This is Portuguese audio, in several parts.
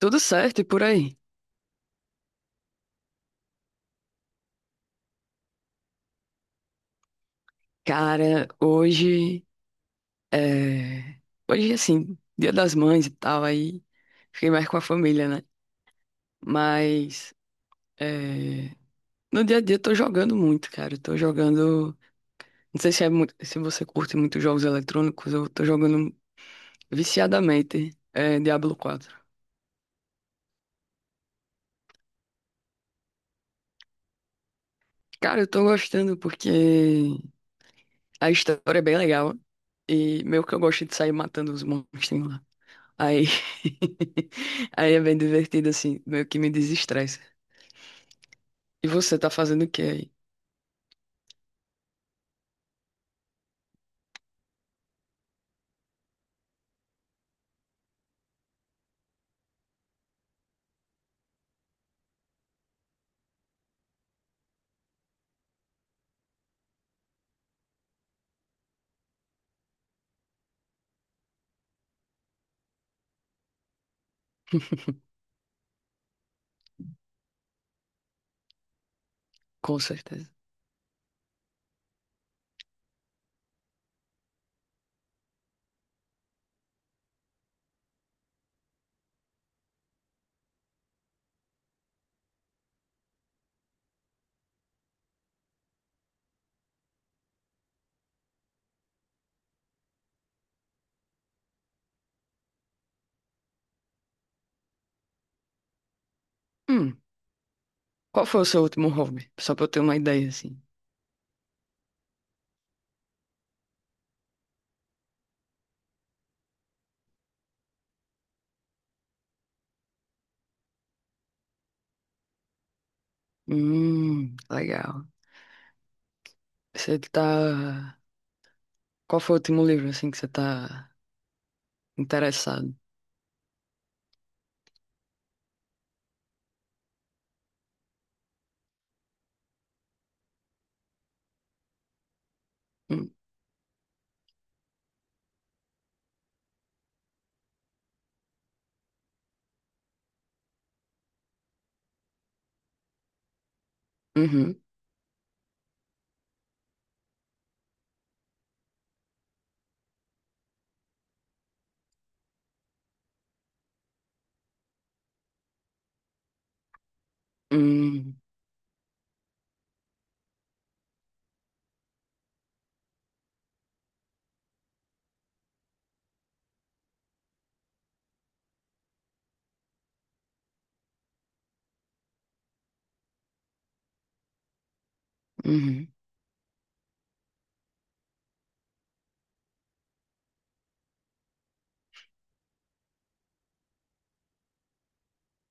Tudo certo e por aí. Cara, hoje é... hoje, assim, Dia das Mães e tal, aí fiquei mais com a família, né? Mas é... no dia a dia eu tô jogando muito, cara. Eu tô jogando. Não sei se, se você curte muito jogos eletrônicos, eu tô jogando viciadamente Diablo 4. Cara, eu tô gostando porque a história é bem legal. E meio que eu gosto de sair matando os monstros, né? Aí, aí é bem divertido, assim, meio que me desestressa. E você tá fazendo o que aí? Com certeza. Hum, qual foi o seu último hobby? Só pra eu ter uma ideia, assim. Legal. Você tá. Qual foi o último livro, assim, que você tá interessado? Hum, uhum, hum, uhum.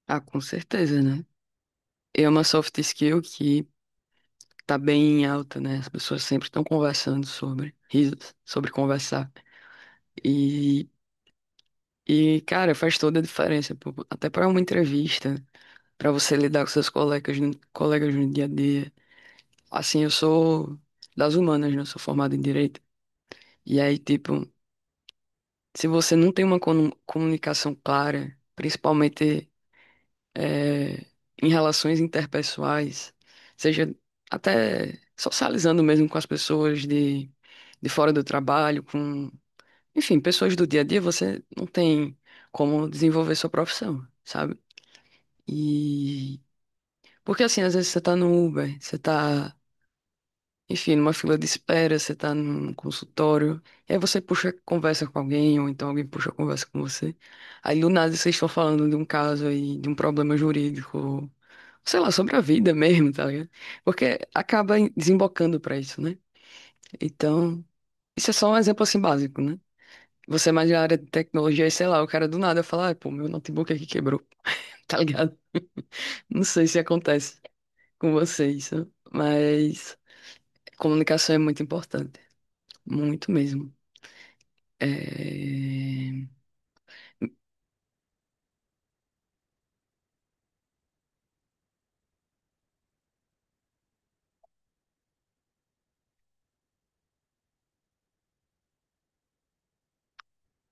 Ah, com certeza, né? E é uma soft skill que tá bem em alta, né? As pessoas sempre estão conversando sobre risos, sobre conversar. E, cara, faz toda a diferença, pô. Até para uma entrevista, para você lidar com seus colegas no dia a dia. Assim, eu sou das humanas, né? Eu sou formado em direito. E aí, tipo, se você não tem uma comunicação clara, principalmente eh, em relações interpessoais, seja até socializando mesmo com as pessoas de fora do trabalho, enfim, pessoas do dia a dia, você não tem como desenvolver sua profissão, sabe? E porque assim, às vezes você tá no Uber, você tá, enfim, numa fila de espera, você tá num consultório, e aí você puxa conversa com alguém, ou então alguém puxa conversa com você. Aí do nada vocês estão falando de um caso aí, de um problema jurídico, sei lá, sobre a vida mesmo, tá ligado? Porque acaba desembocando pra isso, né? Então, isso é só um exemplo assim básico, né? Você é mais da área de tecnologia, e sei lá, o cara do nada fala, ah, pô, meu notebook aqui quebrou, tá ligado? Não sei se acontece com vocês, né? Mas comunicação é muito importante, muito mesmo. É.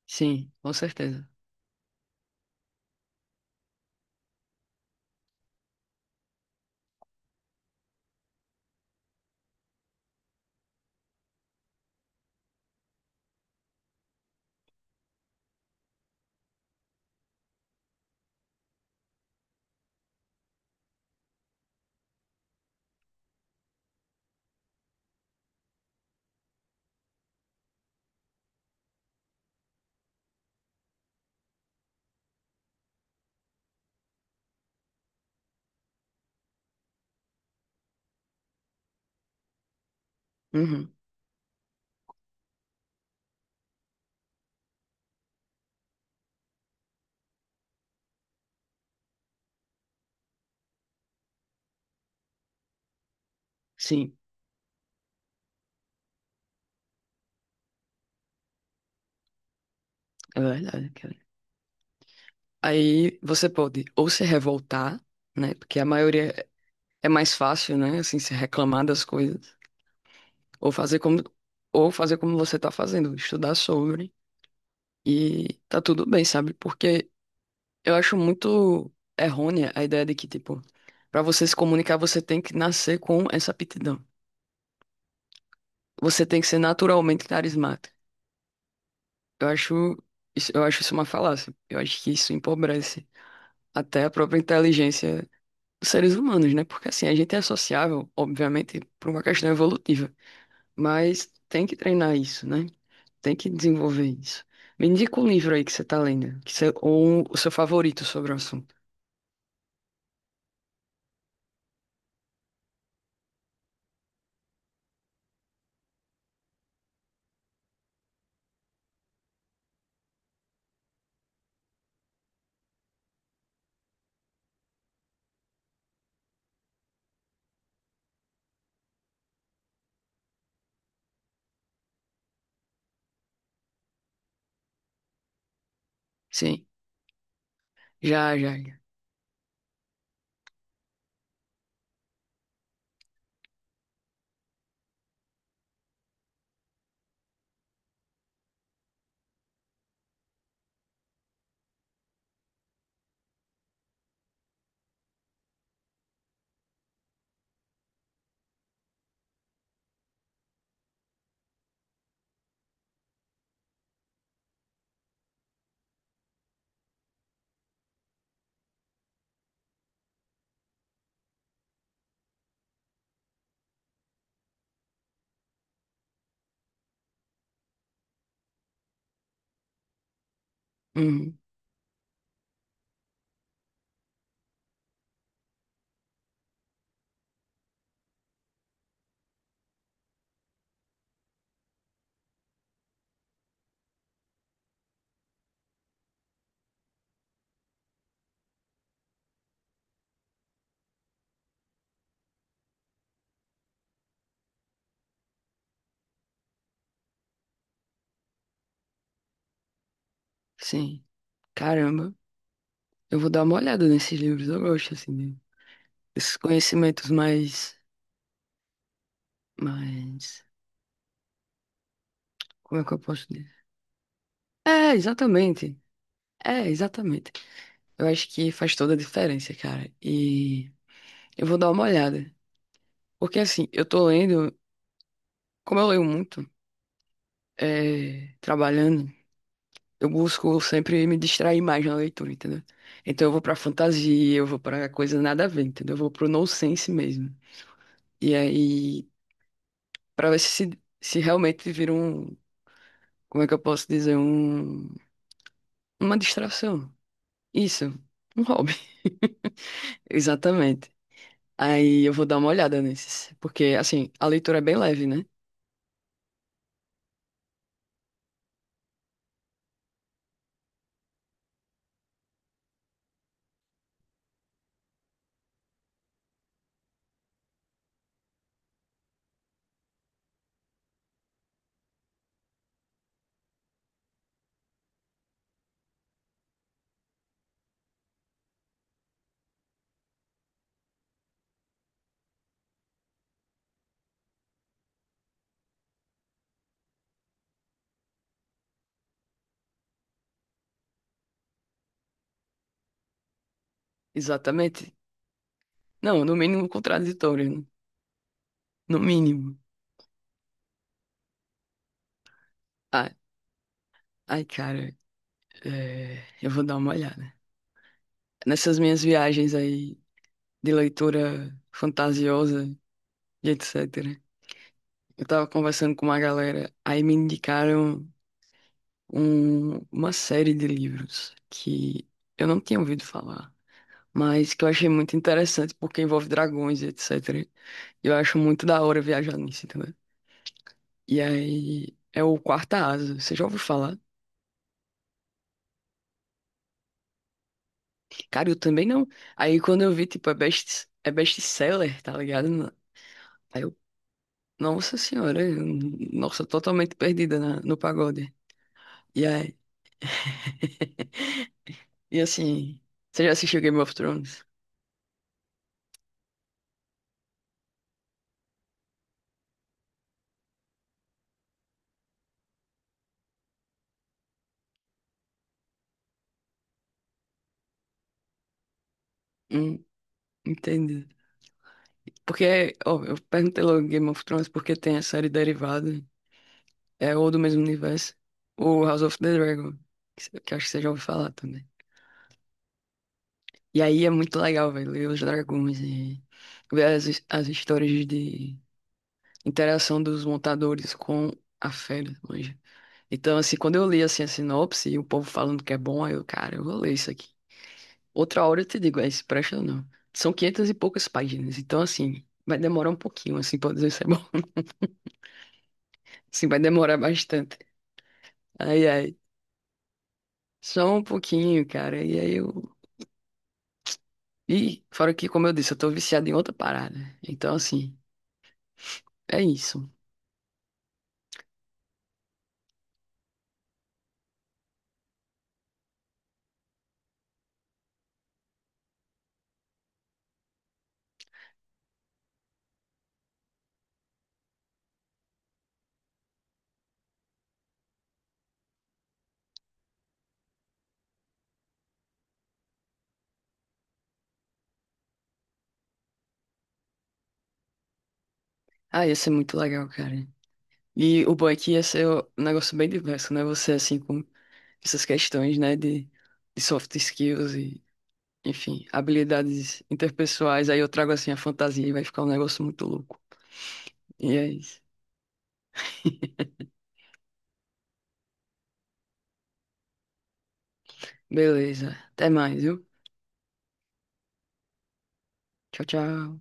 Sim, com certeza. Uhum. Sim, é verdade, cara. Aí você pode ou se revoltar, né? Porque a maioria é mais fácil, né? Assim, se reclamar das coisas, ou fazer como, ou fazer como você tá fazendo, estudar sobre e tá tudo bem, sabe? Porque eu acho muito errônea a ideia de que, tipo, para você se comunicar, você tem que nascer com essa aptidão. Você tem que ser naturalmente carismático. Eu acho isso, eu acho isso uma falácia. Eu acho que isso empobrece até a própria inteligência dos seres humanos, né? Porque assim, a gente é sociável, obviamente, por uma questão evolutiva, mas tem que treinar isso, né? Tem que desenvolver isso. Me indica um livro aí que você tá lendo, que você, ou um, o seu favorito sobre o assunto. Sim, já, já. Já. Uhum, sim. Caramba, eu vou dar uma olhada nesses livros. Eu gosto assim, desses conhecimentos mais. Como é que eu posso dizer? É, exatamente. É, exatamente. Eu acho que faz toda a diferença, cara. E eu vou dar uma olhada. Porque assim, eu tô lendo, como eu leio muito, trabalhando, eu busco sempre me distrair mais na leitura, entendeu? Então eu vou pra fantasia, eu vou pra coisa nada a ver, entendeu? Eu vou pro nonsense mesmo. E aí, pra ver se realmente vira um, como é que eu posso dizer, um, uma distração. Isso, um hobby. Exatamente. Aí eu vou dar uma olhada nesses. Porque, assim, a leitura é bem leve, né? Exatamente. Não, no mínimo contraditório, né? No mínimo. Ah, ai, cara, eu vou dar uma olhada. Nessas minhas viagens aí de leitura fantasiosa e etc. Eu tava conversando com uma galera, aí me indicaram uma série de livros que eu não tinha ouvido falar, mas que eu achei muito interessante porque envolve dragões e etc. E eu acho muito da hora viajar nisso. E aí é o Quarta Asa, você já ouviu falar? Cara, eu também não. Aí quando eu vi, tipo, é best-seller, tá ligado? Aí eu, nossa senhora, nossa, totalmente perdida no pagode. E aí, e assim, você já assistiu Game of Thrones? Hum. Entendi. Porque, ó, eu perguntei logo Game of Thrones porque tem a série derivada, ou do mesmo universo, ou House of the Dragon, que acho que você já ouviu falar também. E aí é muito legal, velho, ler os dragões e ver as histórias de interação dos montadores com a fera, manja. Então, assim, quando eu li, assim, a sinopse e o povo falando que é bom, aí eu, cara, eu vou ler isso aqui. Outra hora eu te digo, se presta ou não. São 500 e poucas páginas, então, assim, vai demorar um pouquinho, assim, pra eu dizer se é bom. Assim, vai demorar bastante. Ai, ai. Só um pouquinho, cara. E aí eu. E fora que, como eu disse, eu tô viciado em outra parada. Então, assim, é isso. Ah, ia ser muito legal, cara. E o bom é que ia ser um negócio bem diverso, né? Você, assim, com essas questões, né? De soft skills e, enfim, habilidades interpessoais. Aí eu trago, assim, a fantasia e vai ficar um negócio muito louco. E é isso. Beleza. Até mais, viu? Tchau, tchau.